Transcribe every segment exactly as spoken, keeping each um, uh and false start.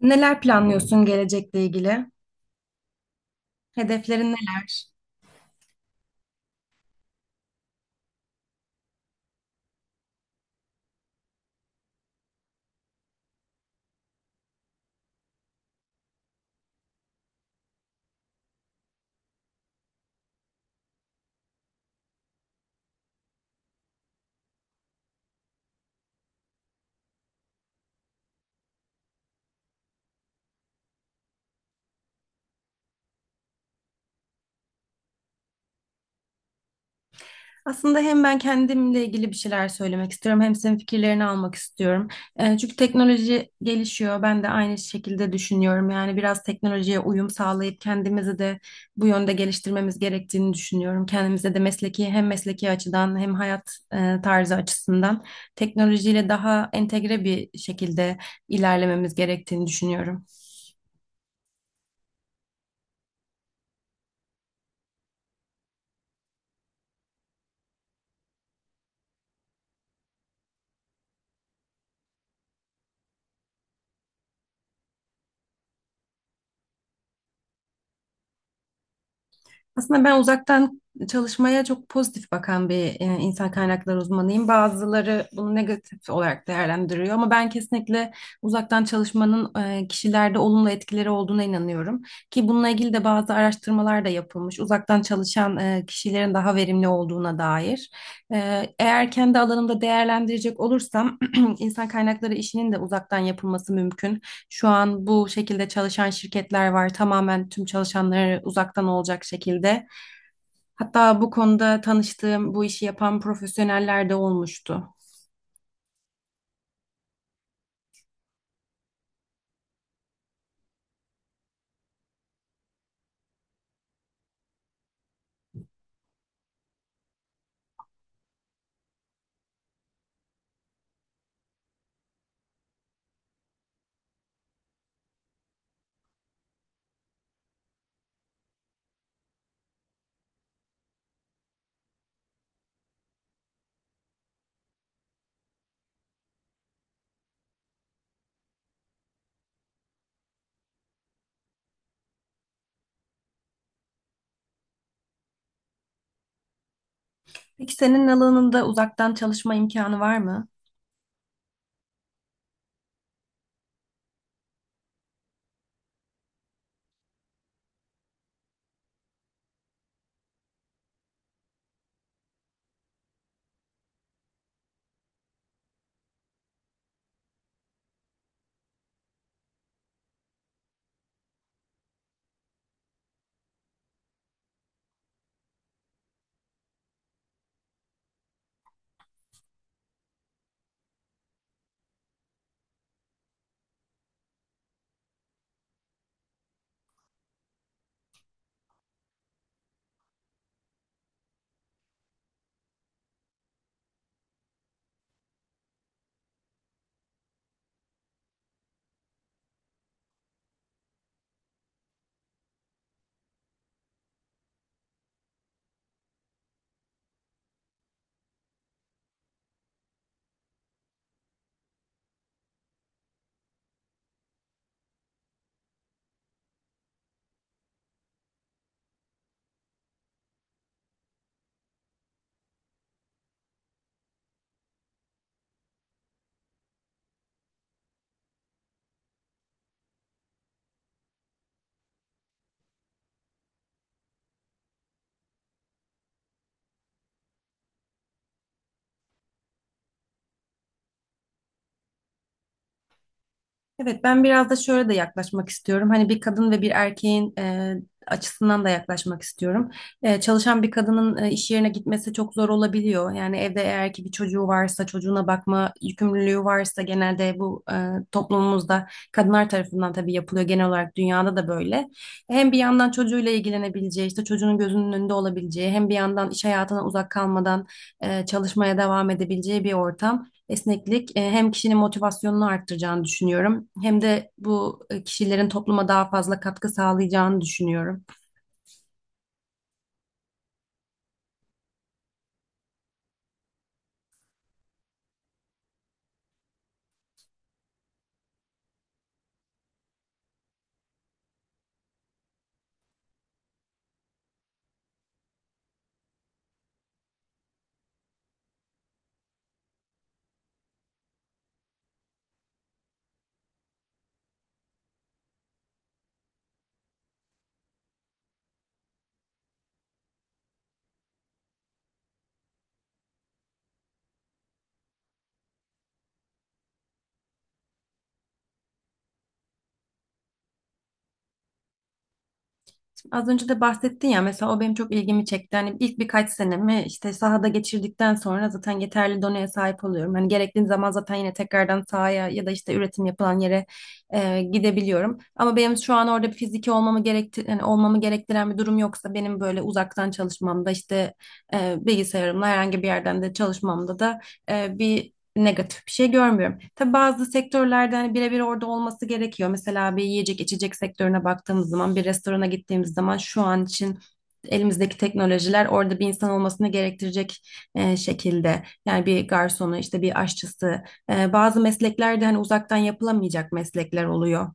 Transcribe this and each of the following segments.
Neler planlıyorsun gelecekle ilgili? Hedeflerin neler? Aslında hem ben kendimle ilgili bir şeyler söylemek istiyorum, hem senin fikirlerini almak istiyorum. Ee, çünkü teknoloji gelişiyor. Ben de aynı şekilde düşünüyorum. Yani biraz teknolojiye uyum sağlayıp kendimizi de bu yönde geliştirmemiz gerektiğini düşünüyorum. Kendimize de mesleki hem mesleki açıdan hem hayat e, tarzı açısından teknolojiyle daha entegre bir şekilde ilerlememiz gerektiğini düşünüyorum. Aslında ben uzaktan çalışmaya çok pozitif bakan bir e, insan kaynakları uzmanıyım. Bazıları bunu negatif olarak değerlendiriyor ama ben kesinlikle uzaktan çalışmanın e, kişilerde olumlu etkileri olduğuna inanıyorum. Ki bununla ilgili de bazı araştırmalar da yapılmış. Uzaktan çalışan e, kişilerin daha verimli olduğuna dair. E, Eğer kendi alanımda değerlendirecek olursam insan kaynakları işinin de uzaktan yapılması mümkün. Şu an bu şekilde çalışan şirketler var. Tamamen tüm çalışanları uzaktan olacak şekilde. Hatta bu konuda tanıştığım bu işi yapan profesyoneller de olmuştu. Peki senin alanında uzaktan çalışma imkanı var mı? Evet, ben biraz da şöyle de yaklaşmak istiyorum. Hani bir kadın ve bir erkeğin e, açısından da yaklaşmak istiyorum. E, çalışan bir kadının e, iş yerine gitmesi çok zor olabiliyor. Yani evde eğer ki bir çocuğu varsa, çocuğuna bakma yükümlülüğü varsa genelde bu e, toplumumuzda kadınlar tarafından tabii yapılıyor. Genel olarak dünyada da böyle. Hem bir yandan çocuğuyla ilgilenebileceği, işte çocuğunun gözünün önünde olabileceği, hem bir yandan iş hayatına uzak kalmadan e, çalışmaya devam edebileceği bir ortam. Esneklik e, hem kişinin motivasyonunu arttıracağını düşünüyorum hem de bu e, kişilerin topluma daha fazla katkı sağlayacağını düşünüyorum. Şimdi az önce de bahsettin ya mesela o benim çok ilgimi çekti. Hani ilk birkaç senemi işte sahada geçirdikten sonra zaten yeterli donaya sahip oluyorum. Hani gerektiği zaman zaten yine tekrardan sahaya ya da işte üretim yapılan yere e, gidebiliyorum. Ama benim şu an orada bir fiziki olmamı gerekti yani olmamı gerektiren bir durum yoksa benim böyle uzaktan çalışmamda işte e, bilgisayarımla herhangi bir yerden de çalışmamda da e, bir negatif bir şey görmüyorum. Tabii bazı sektörlerde hani birebir orada olması gerekiyor. Mesela bir yiyecek içecek sektörüne baktığımız zaman bir restorana gittiğimiz zaman şu an için elimizdeki teknolojiler orada bir insan olmasını gerektirecek e, şekilde. Yani bir garsonu işte bir aşçısı e, bazı mesleklerde hani uzaktan yapılamayacak meslekler oluyor.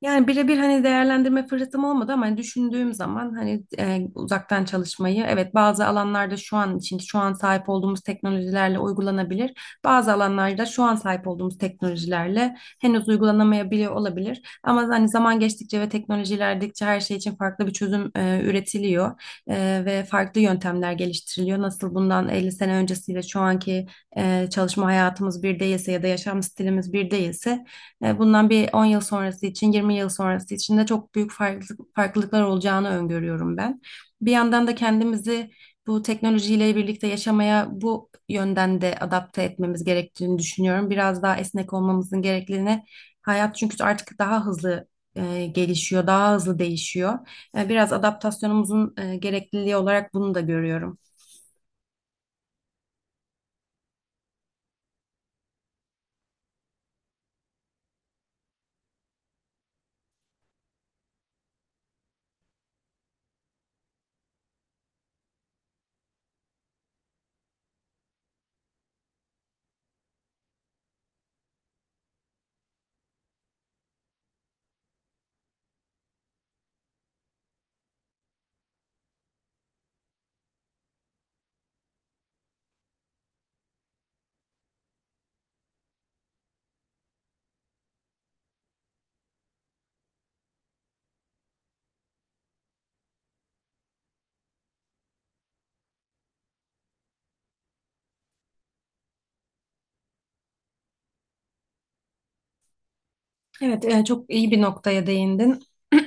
Yani birebir hani değerlendirme fırsatım olmadı ama hani düşündüğüm zaman hani e, uzaktan çalışmayı evet bazı alanlarda şu an için şu an sahip olduğumuz teknolojilerle uygulanabilir. Bazı alanlarda şu an sahip olduğumuz teknolojilerle henüz uygulanamayabiliyor olabilir. Ama hani zaman geçtikçe ve teknoloji ilerledikçe her şey için farklı bir çözüm e, üretiliyor. E, ve farklı yöntemler geliştiriliyor. Nasıl bundan elli sene öncesiyle şu anki e, çalışma hayatımız bir değilse ya da yaşam stilimiz bir değilse e, bundan bir on yıl sonrası için, yirmi yıl sonrası için de çok büyük farklılık- farklılıklar olacağını öngörüyorum ben. Bir yandan da kendimizi bu teknolojiyle birlikte yaşamaya bu yönden de adapte etmemiz gerektiğini düşünüyorum. Biraz daha esnek olmamızın gerekliliğine hayat çünkü artık daha hızlı e, gelişiyor, daha hızlı değişiyor. E, biraz adaptasyonumuzun e, gerekliliği olarak bunu da görüyorum. Evet, e, çok iyi bir noktaya değindin.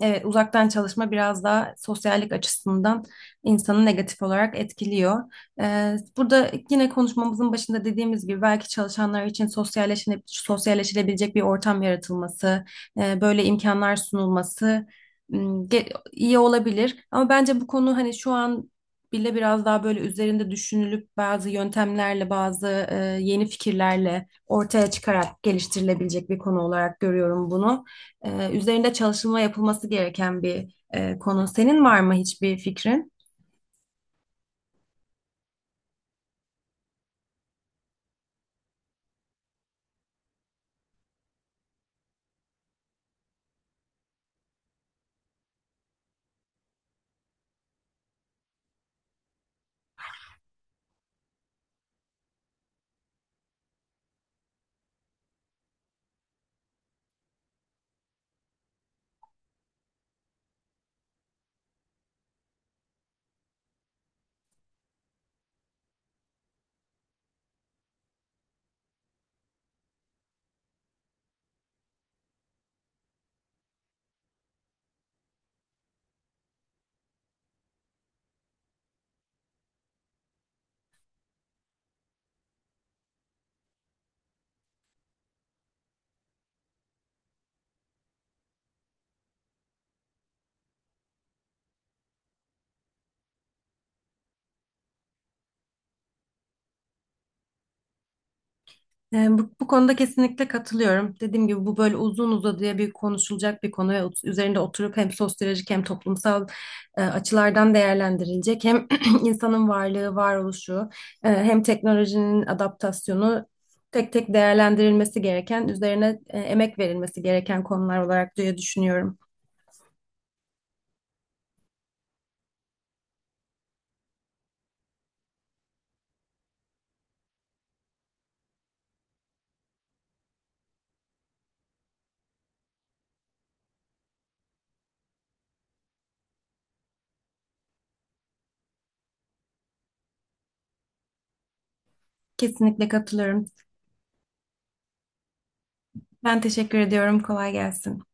Evet, uzaktan çalışma biraz daha sosyallik açısından insanı negatif olarak etkiliyor. E, burada yine konuşmamızın başında dediğimiz gibi belki çalışanlar için sosyalleşine, sosyalleşilebilecek bir ortam yaratılması, e, böyle imkanlar sunulması m, ge- iyi olabilir. Ama bence bu konu hani şu an bile biraz daha böyle üzerinde düşünülüp bazı yöntemlerle, bazı e, yeni fikirlerle ortaya çıkarak geliştirilebilecek bir konu olarak görüyorum bunu. Ee, üzerinde çalışılma yapılması gereken bir e, konu. Senin var mı hiçbir fikrin? Yani bu, bu konuda kesinlikle katılıyorum. Dediğim gibi bu böyle uzun uzadıya bir konuşulacak bir konu ve ut- üzerinde oturup hem sosyolojik hem toplumsal e, açılardan değerlendirilecek. Hem insanın varlığı, varoluşu, e, hem teknolojinin adaptasyonu tek tek değerlendirilmesi gereken, üzerine e, emek verilmesi gereken konular olarak diye düşünüyorum. Kesinlikle katılıyorum. Ben teşekkür ediyorum. Kolay gelsin.